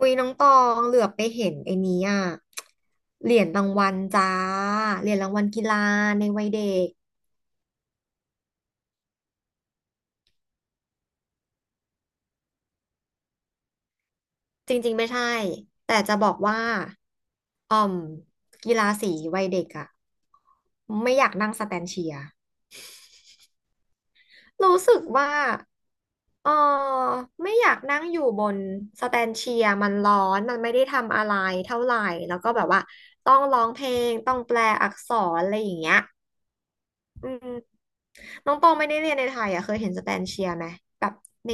อุ้ยน้องตองเหลือบไปเห็นไอ้นี้อ่ะเหรียญรางวัลจ้าเหรียญรางวัลกีฬาในวัยเด็กจริงๆไม่ใช่แต่จะบอกว่าอ่อมกีฬาสีวัยเด็กอ่ะไม่อยากนั่งสแตนเชียร์รู้สึกว่าเออไม่อยากนั่งอยู่บนสแตนเชียร์มันร้อนมันไม่ได้ทำอะไรเท่าไหร่แล้วก็แบบว่าต้องร้องเพลงต้องแปลอักษรอะไรอย่างเงี้ยอืม น้องตองไม่ได้เรียนในไทยอ่ะเคยเห็นสแตนเชียร์ไหมแบบใน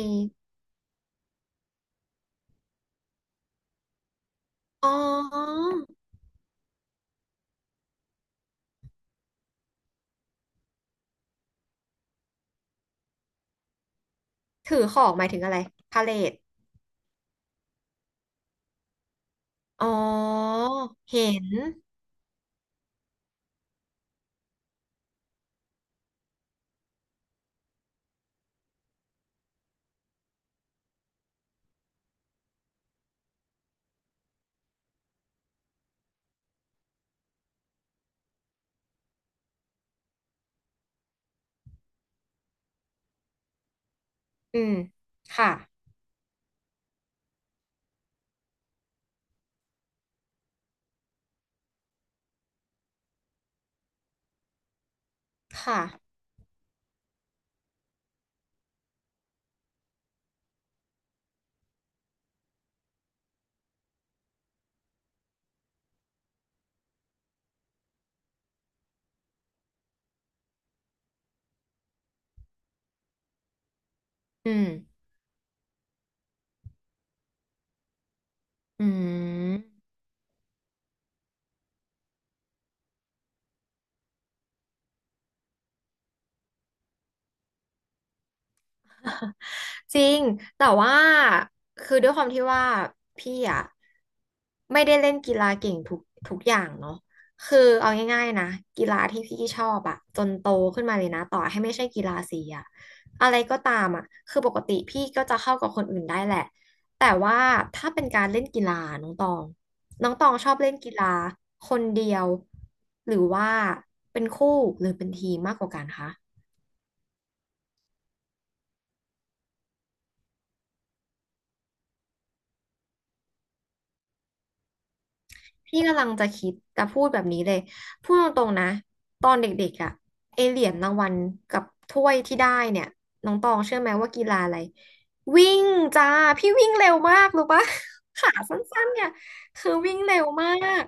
อ๋อถือของหมายถึงอะไรพาเลทอ๋อเห็นอืมค่ะค่ะอืมอืม จริงแต่ว่าคือด้วยความที่ว่าพี่อะไม่ได้เล่นกีฬาเก่งทุกอย่างเนาะคือเอาง่ายๆนะกีฬาที่พี่ชอบอะจนโตขึ้นมาเลยนะต่อให้ไม่ใช่กีฬาสีอะอะไรก็ตามอะคือปกติพี่ก็จะเข้ากับคนอื่นได้แหละแต่ว่าถ้าเป็นการเล่นกีฬาน้องตองน้องตองชอบเล่นกีฬาคนเดียวหรือว่าเป็นคู่หรือเป็นทีมมากกว่ากันคะ พี่กำลังจะคิดจะพูดแบบนี้เลย พูดตรงๆนะ ตอนเด็กๆอะไอเหรียญรางวัลกับถ้วยที่ได้เนี่ย น้องตองเชื่อไหมว่ากีฬาอะไร วิ่งจ้า พี่วิ่งเร็วมากรู้ปะ ขาสั้นๆเนี่ย คือวิ่งเร็วมาก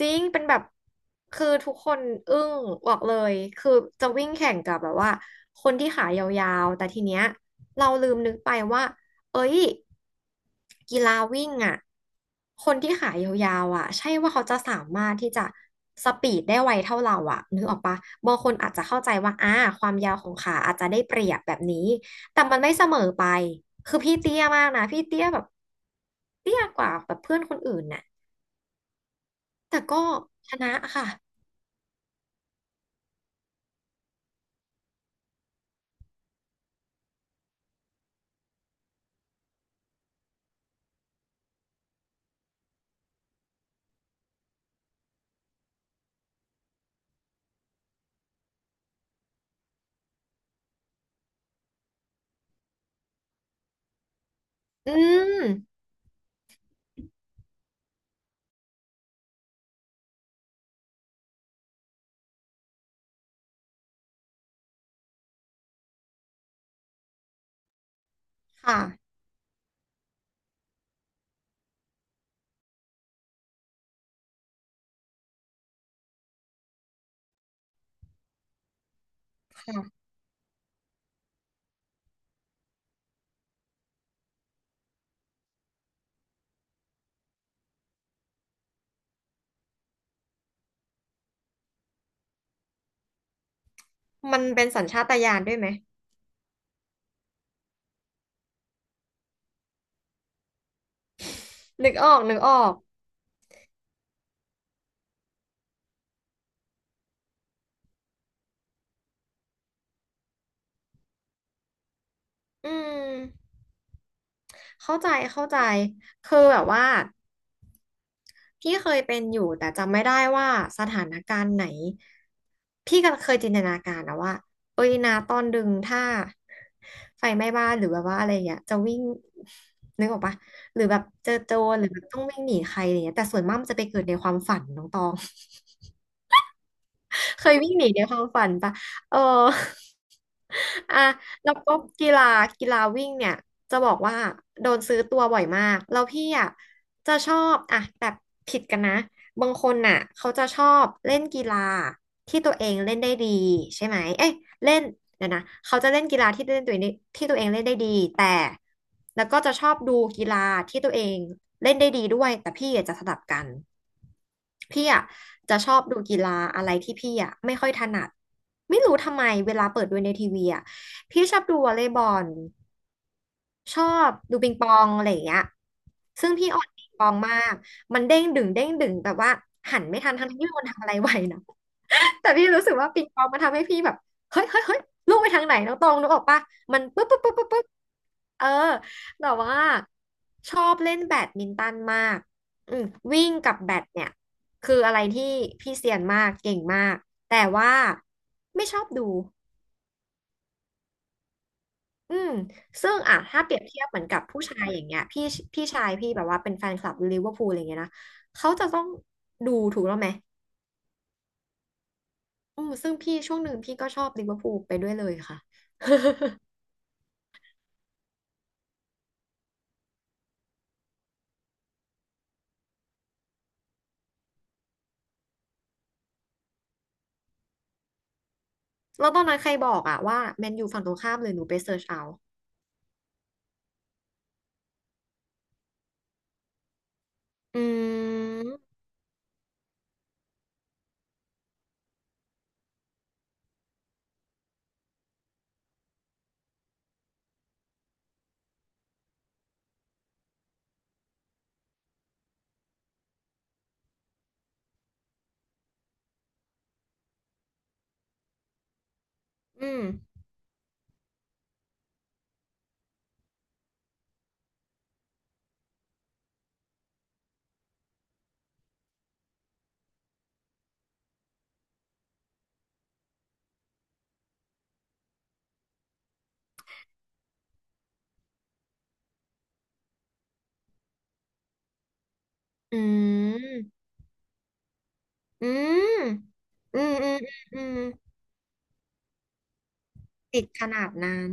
จริงเป็นแบบคือทุกคนอึ้งบอกเลยคือจะวิ่งแข่งกับแบบว่าคนที่ขายาวๆแต่ทีเนี้ยเราลืมนึกไปว่าเอ้ยกีฬาวิ่งอ่ะคนที่ขายาวๆอ่ะใช่ว่าเขาจะสามารถที่จะสปีดได้ไวเท่าเราอ่ะนึกออกปะบางคนอาจจะเข้าใจว่าความยาวของขาอาจจะได้เปรียบแบบนี้แต่มันไม่เสมอไปคือพี่เตี้ยมากนะพี่เตี้ยแบบเตี้ยกว่าแบบเพื่อนคนอื่นน่ะแต่ก็ชนะค่ะ อืมค่ะค่ะมันเป็นสัญชาตญาณด้วยไหมนึกออกนึกออกอืมเข้าใจเข้าใจคือแบบว่าพี่เคยเป็นอยู่แต่จำไม่ได้ว่าสถานการณ์ไหนพี่ก็เคยจินตนาการนะว่าเอ้ยนาตอนดึงถ้าไฟไหม้บ้านหรือแบบว่าอะไรอย่างเงี้ยจะวิ่งนึกออกปะหรือแบบเจอโจรหรือแบบต้องวิ่งหนีใครอะไรเงี้ยแต่ส่วนมากมันจะไปเกิดในความฝันน้องตอง เคยวิ่งหนีในความฝันปะเออ อ่ะแล้วก็กีฬากีฬาวิ่งเนี่ยจะบอกว่าโดนซื้อตัวบ่อยมากแล้วพี่อ่ะจะชอบอ่ะแบบผิดกันนะ บางคนน่ะเขาจะชอบเล่นกีฬาที่ตัวเองเล่นได้ดีใช่ไหมเอ้ยเล่นเดี๋ยวนะเขาจะเล่นกีฬาที่เล่นตัวเองได้ที่ตัวเองเล่นได้ดีแต่แล้วก็จะชอบดูกีฬาที่ตัวเอง เล่นได้ดีด้วยแต่พี่อะจะสลับกันพี่อ่ะจะชอบดูกีฬาอะไรที่พี่อ่ะไม่ค่อยถนัดไม่รู้ทำไมเวลาเปิดดูในทีวีอ่ะพี่ชอบดูวอลเลย์บอลชอบดูปิงปองอะไรอย่างเงี้ยซึ่งพี่อ่อนปิงปองมากมันเด้งดึงเด้งดึงแบบว่าหันไม่ทันทั้งที่ไมมีคนทำอะไรไว้นะ แต่พี่รู้สึกว่าปิงปองมันทำให้พี่แบบเฮ้ยลูกไปทางไหนน้องตองนึกออกปะมันปึ๊บปึ๊บปึ๊บปึ๊บปึ๊บเออแต่ว่าชอบเล่นแบดมินตันมากอืมวิ่งกับแบดเนี่ยคืออะไรที่พี่เซียนมากเก่งมากแต่ว่าไม่ชอบดูอืมซึ่งอ่ะถ้าเปรียบเทียบเหมือนกับผู้ชายอย่างเงี้ยพี่ชายพี่แบบว่าเป็นแฟนคลับลิเวอร์พูลอะไรเงี้ยนะเขาจะต้องดูถูกแล้วไหมอืมซึ่งพี่ช่วงหนึ่งพี่ก็ชอบลิเวอร์พูลไปด้วยเลยค่ะ แล้วตอนนั้นใครบอกอะว่าแมนยูฝั่งตรงข้ามเลยหนูไปเสิร์ชเอาอืมอืมอืมอืมอืมอืมอืมติดขนาดนั้น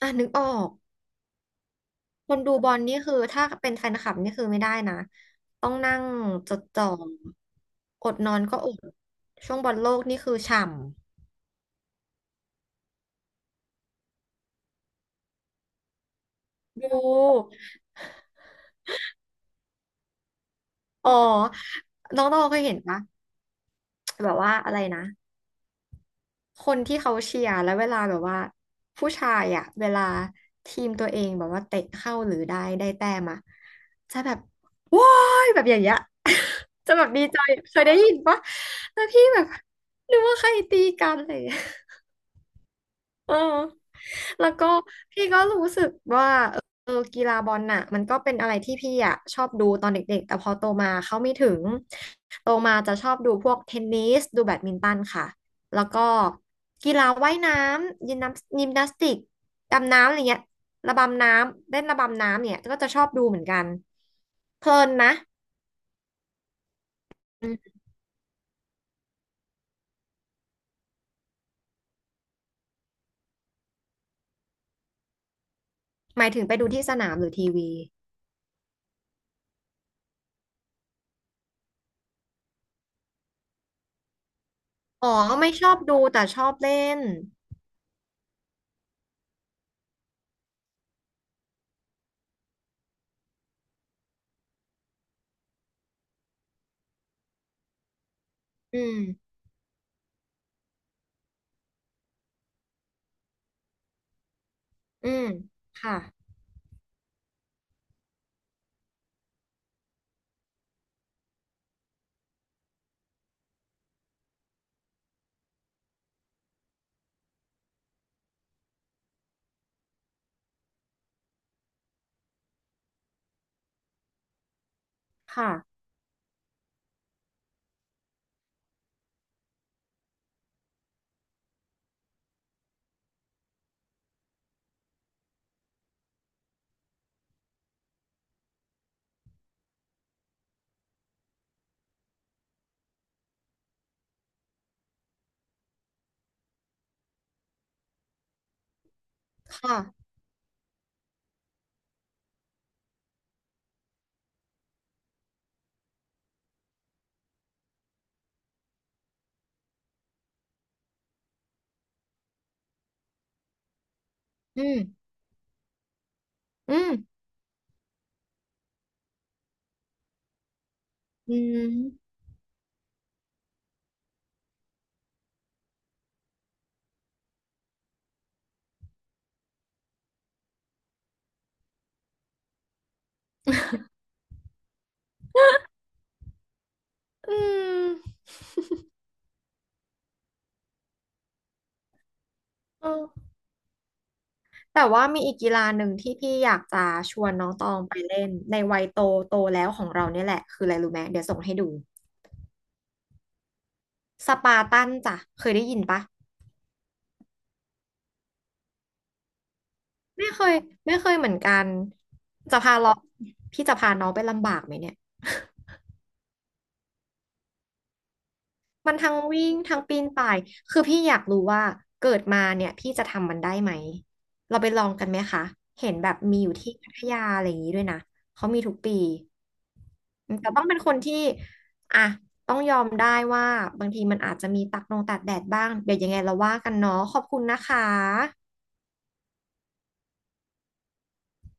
อ่ะนึกออก คนดูบอลนี่คือถ้าเป็นแฟนคลับนี่คือไม่ได้นะ ต้องนั่งจดจ่ออดนอนก็อดช่วงบอลโลกนี่คือฉ่ำ ดู อ๋อน้องตองเคยเห็นปะแบบว่าอะไรนะ คนที่เขาเชียร์แล้วเวลาแบบว่าผู้ชายอ่ะเวลาทีมตัวเองแบบว่าเตะเข้าหรือได้แต้มอะจะแบบว้ายแบบอย่างเงี้ย จะแบบดีใจเคยได้ยินปะแล้วพี่แบบนึกว่าใครตีกันอะไรอย่างเลย เออแล้วก็พี่ก็รู้สึกว่าเออกีฬาบอลน่ะมันก็เป็นอะไรที่พี่อ่ะชอบดูตอนเด็กๆแต่พอโตมาเขาไม่ถึงโตมาจะชอบดูพวกเทนนิสดูแบดมินตันค่ะแล้วก็กีฬาว่ายน้ำยิมนาสติกดำน้ำอะไรเงี้ยระบำน้ำเล่นระบำน้ำเนี่ยก็จะชอบดูเหมือนกันเพลินนะอืมหมายถึงไปดูที่สนามหรือทีวีอ๋อไม่ชอบดูแต่ชอบเล่นอืมอืมค่ะค่ะ ค่ะอืมอืมอืมอืมเออแต่ว่ามีอีกกีฬาหนึ่งที่พี่อยากจะชวนน้องตองไปเล่นในวัยโตโตแล้วของเราเนี่ยแหละคืออะไรรู้ไหมเดี๋ยวส่งให้ดูสปาร์ตันจ้ะเคยได้ยินปะไม่เคยไม่เคยเหมือนกันจะพาเราพี่จะพาน้องไปลำบากไหมเนี่ย มันทั้งวิ่งทั้งปีนป่าย คือพี่อยากรู้ว่าเกิดมาเนี่ยพี่จะทำมันได้ไหม เราไปลองกันไหมคะ เห็นแบบมีอยู่ที่พัทยาอะไรอย่างนี้ด้วยนะ เขามีทุกปีแต่ต้องเป็นคนที่อ่ะต้องยอมได้ว่าบางทีมันอาจจะมีตักนงตากแดดบ้าง เดี๋ยวยังไงเราว่ากันเนาะขอบคุณนะคะ